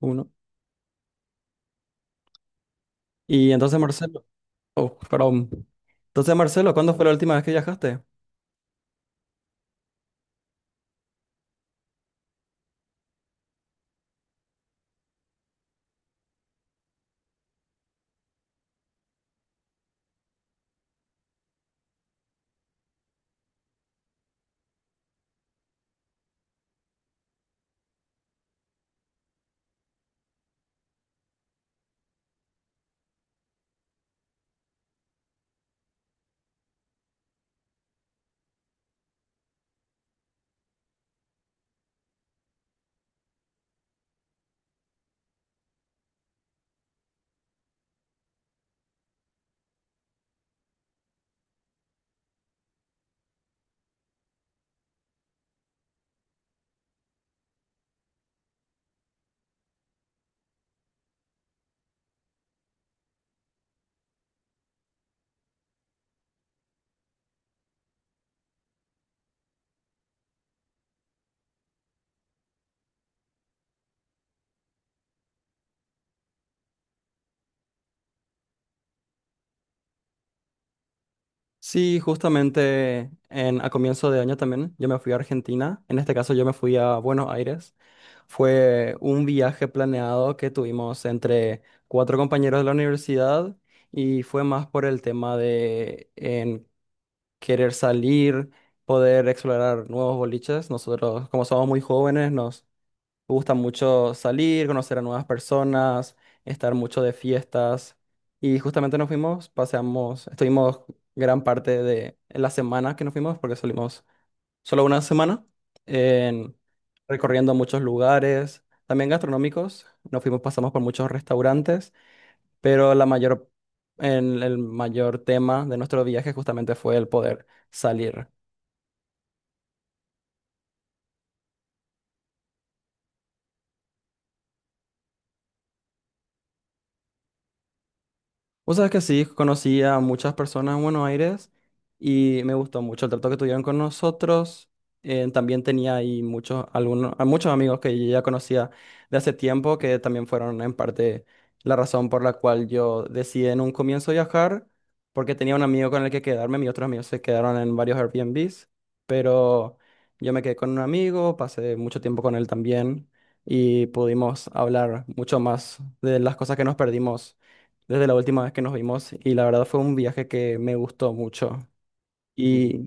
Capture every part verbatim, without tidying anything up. Uno. Y entonces, Marcelo, oh, perdón. Entonces, Marcelo, ¿cuándo fue la última vez que viajaste? Sí, justamente en, a comienzo de año también, yo me fui a Argentina, en este caso yo me fui a Buenos Aires. Fue un viaje planeado que tuvimos entre cuatro compañeros de la universidad y fue más por el tema de en querer salir, poder explorar nuevos boliches. Nosotros, como somos muy jóvenes, nos me gusta mucho salir, conocer a nuevas personas, estar mucho de fiestas. Y justamente nos fuimos, paseamos, estuvimos gran parte de la semana que nos fuimos, porque salimos solo una semana, en- recorriendo muchos lugares, también gastronómicos. Nos fuimos, pasamos por muchos restaurantes, pero la mayor, el el mayor tema de nuestro viaje justamente fue el poder salir. Vos sabés que sí, conocí a muchas personas en Buenos Aires y me gustó mucho el trato que tuvieron con nosotros. Eh, también tenía ahí muchos, algunos, a muchos amigos que yo ya conocía de hace tiempo que también fueron en parte la razón por la cual yo decidí en un comienzo viajar, porque tenía un amigo con el que quedarme, mis otros amigos se quedaron en varios Airbnbs, pero yo me quedé con un amigo, pasé mucho tiempo con él también y pudimos hablar mucho más de las cosas que nos perdimos desde la última vez que nos vimos y la verdad fue un viaje que me gustó mucho. Y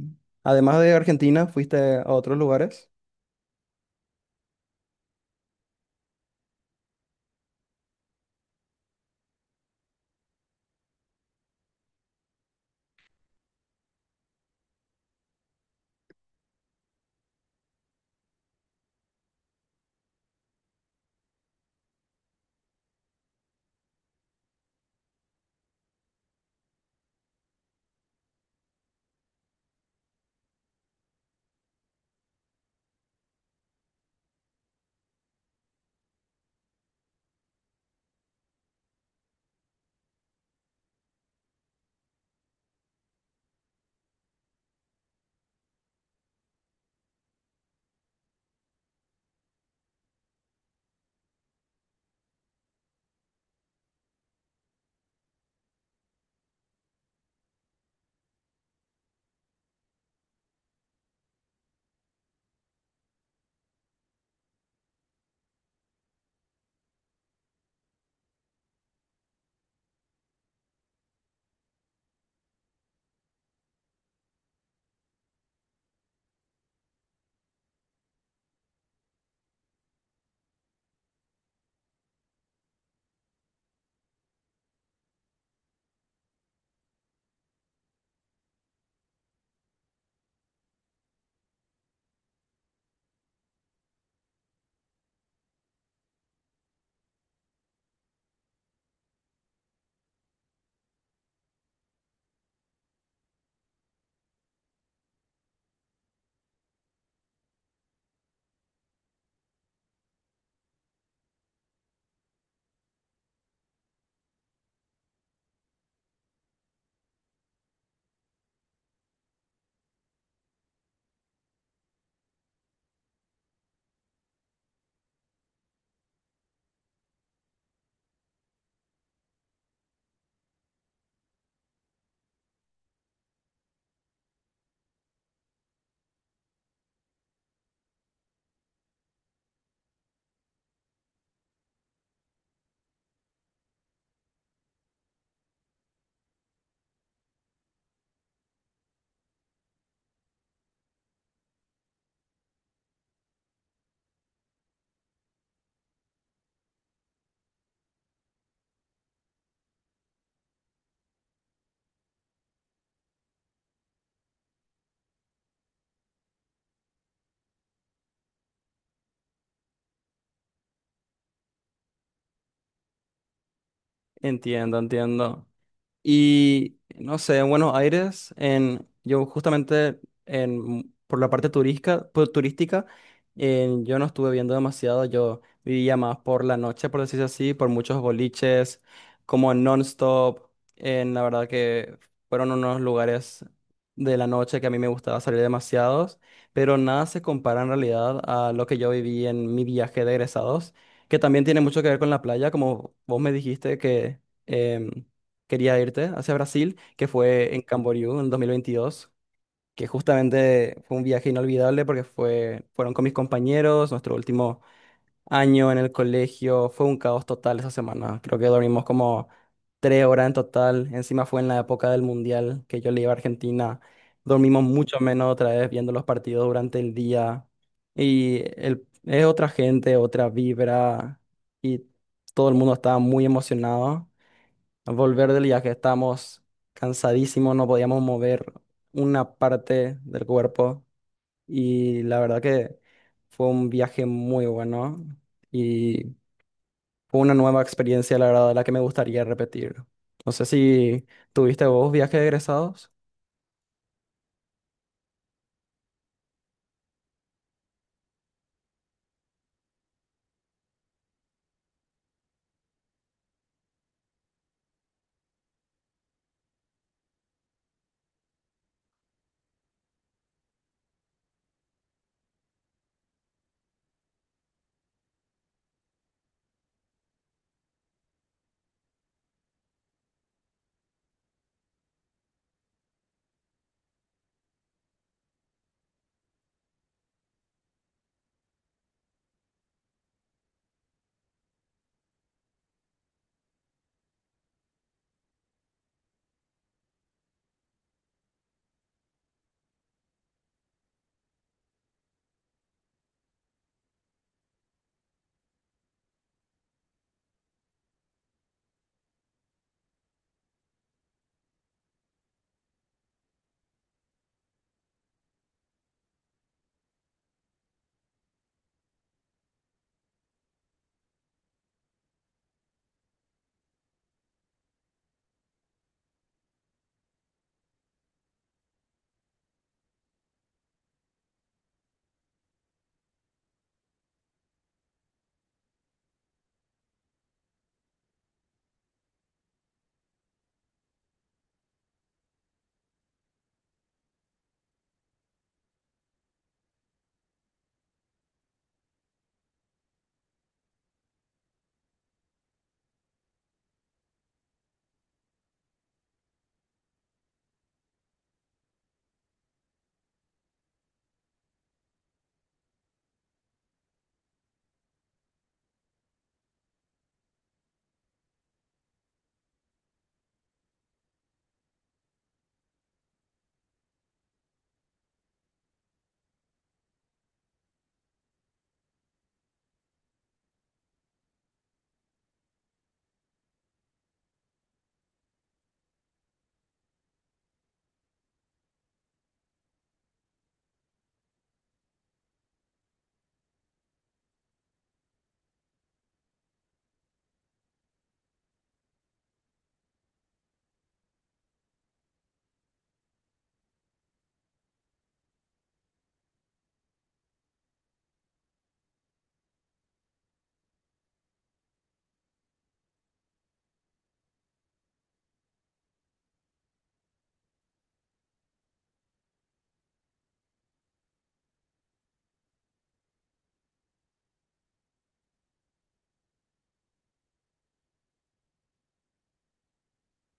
además de Argentina, ¿fuiste a otros lugares? Entiendo, entiendo. Y no sé, en Buenos Aires, en, yo justamente en, por la parte turística, por- turística en- yo no estuve viendo demasiado, yo vivía más por la noche, por decirlo así, por muchos boliches, como en non-stop, en la verdad que fueron unos lugares de la noche que a mí me gustaba salir demasiados, pero nada se compara en realidad a lo que yo viví en mi viaje de egresados, que también tiene mucho que ver con la playa, como vos me dijiste que... em, quería irte hacia Brasil, que fue en Camboriú en dos mil veintidós, que justamente fue un viaje inolvidable porque fue, fueron con mis compañeros, nuestro último año en el colegio, fue un caos total esa semana, creo que dormimos como tres horas en total, encima fue en la época del Mundial que yo le iba a Argentina, dormimos mucho menos otra vez viendo los partidos durante el día y el, es otra gente, otra vibra y todo el mundo estaba muy emocionado volver del viaje, estábamos cansadísimos, no podíamos mover una parte del cuerpo y la verdad que fue un viaje muy bueno y fue una nueva experiencia, la verdad, la que me gustaría repetir. No sé si tuviste vos viajes de egresados.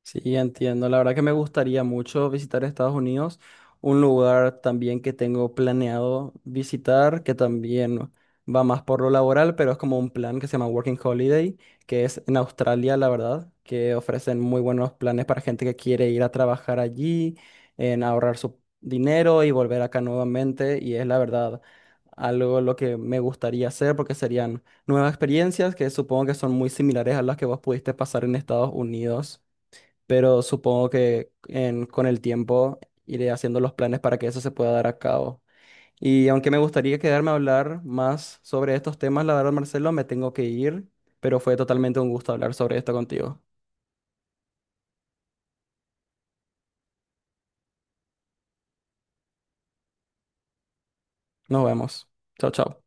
Sí, entiendo. La verdad que me gustaría mucho visitar Estados Unidos, un lugar también que tengo planeado visitar, que también va más por lo laboral, pero es como un plan que se llama Working Holiday, que es en Australia, la verdad, que ofrecen muy buenos planes para gente que quiere ir a trabajar allí, en ahorrar su dinero y volver acá nuevamente. Y es la verdad algo lo que me gustaría hacer porque serían nuevas experiencias que supongo que son muy similares a las que vos pudiste pasar en Estados Unidos, pero supongo que en- con el tiempo iré haciendo los planes para que eso se pueda dar a cabo. Y aunque me gustaría quedarme a hablar más sobre estos temas, la verdad, Marcelo, me tengo que ir, pero fue totalmente un gusto hablar sobre esto contigo. Nos vemos. Chao, chao.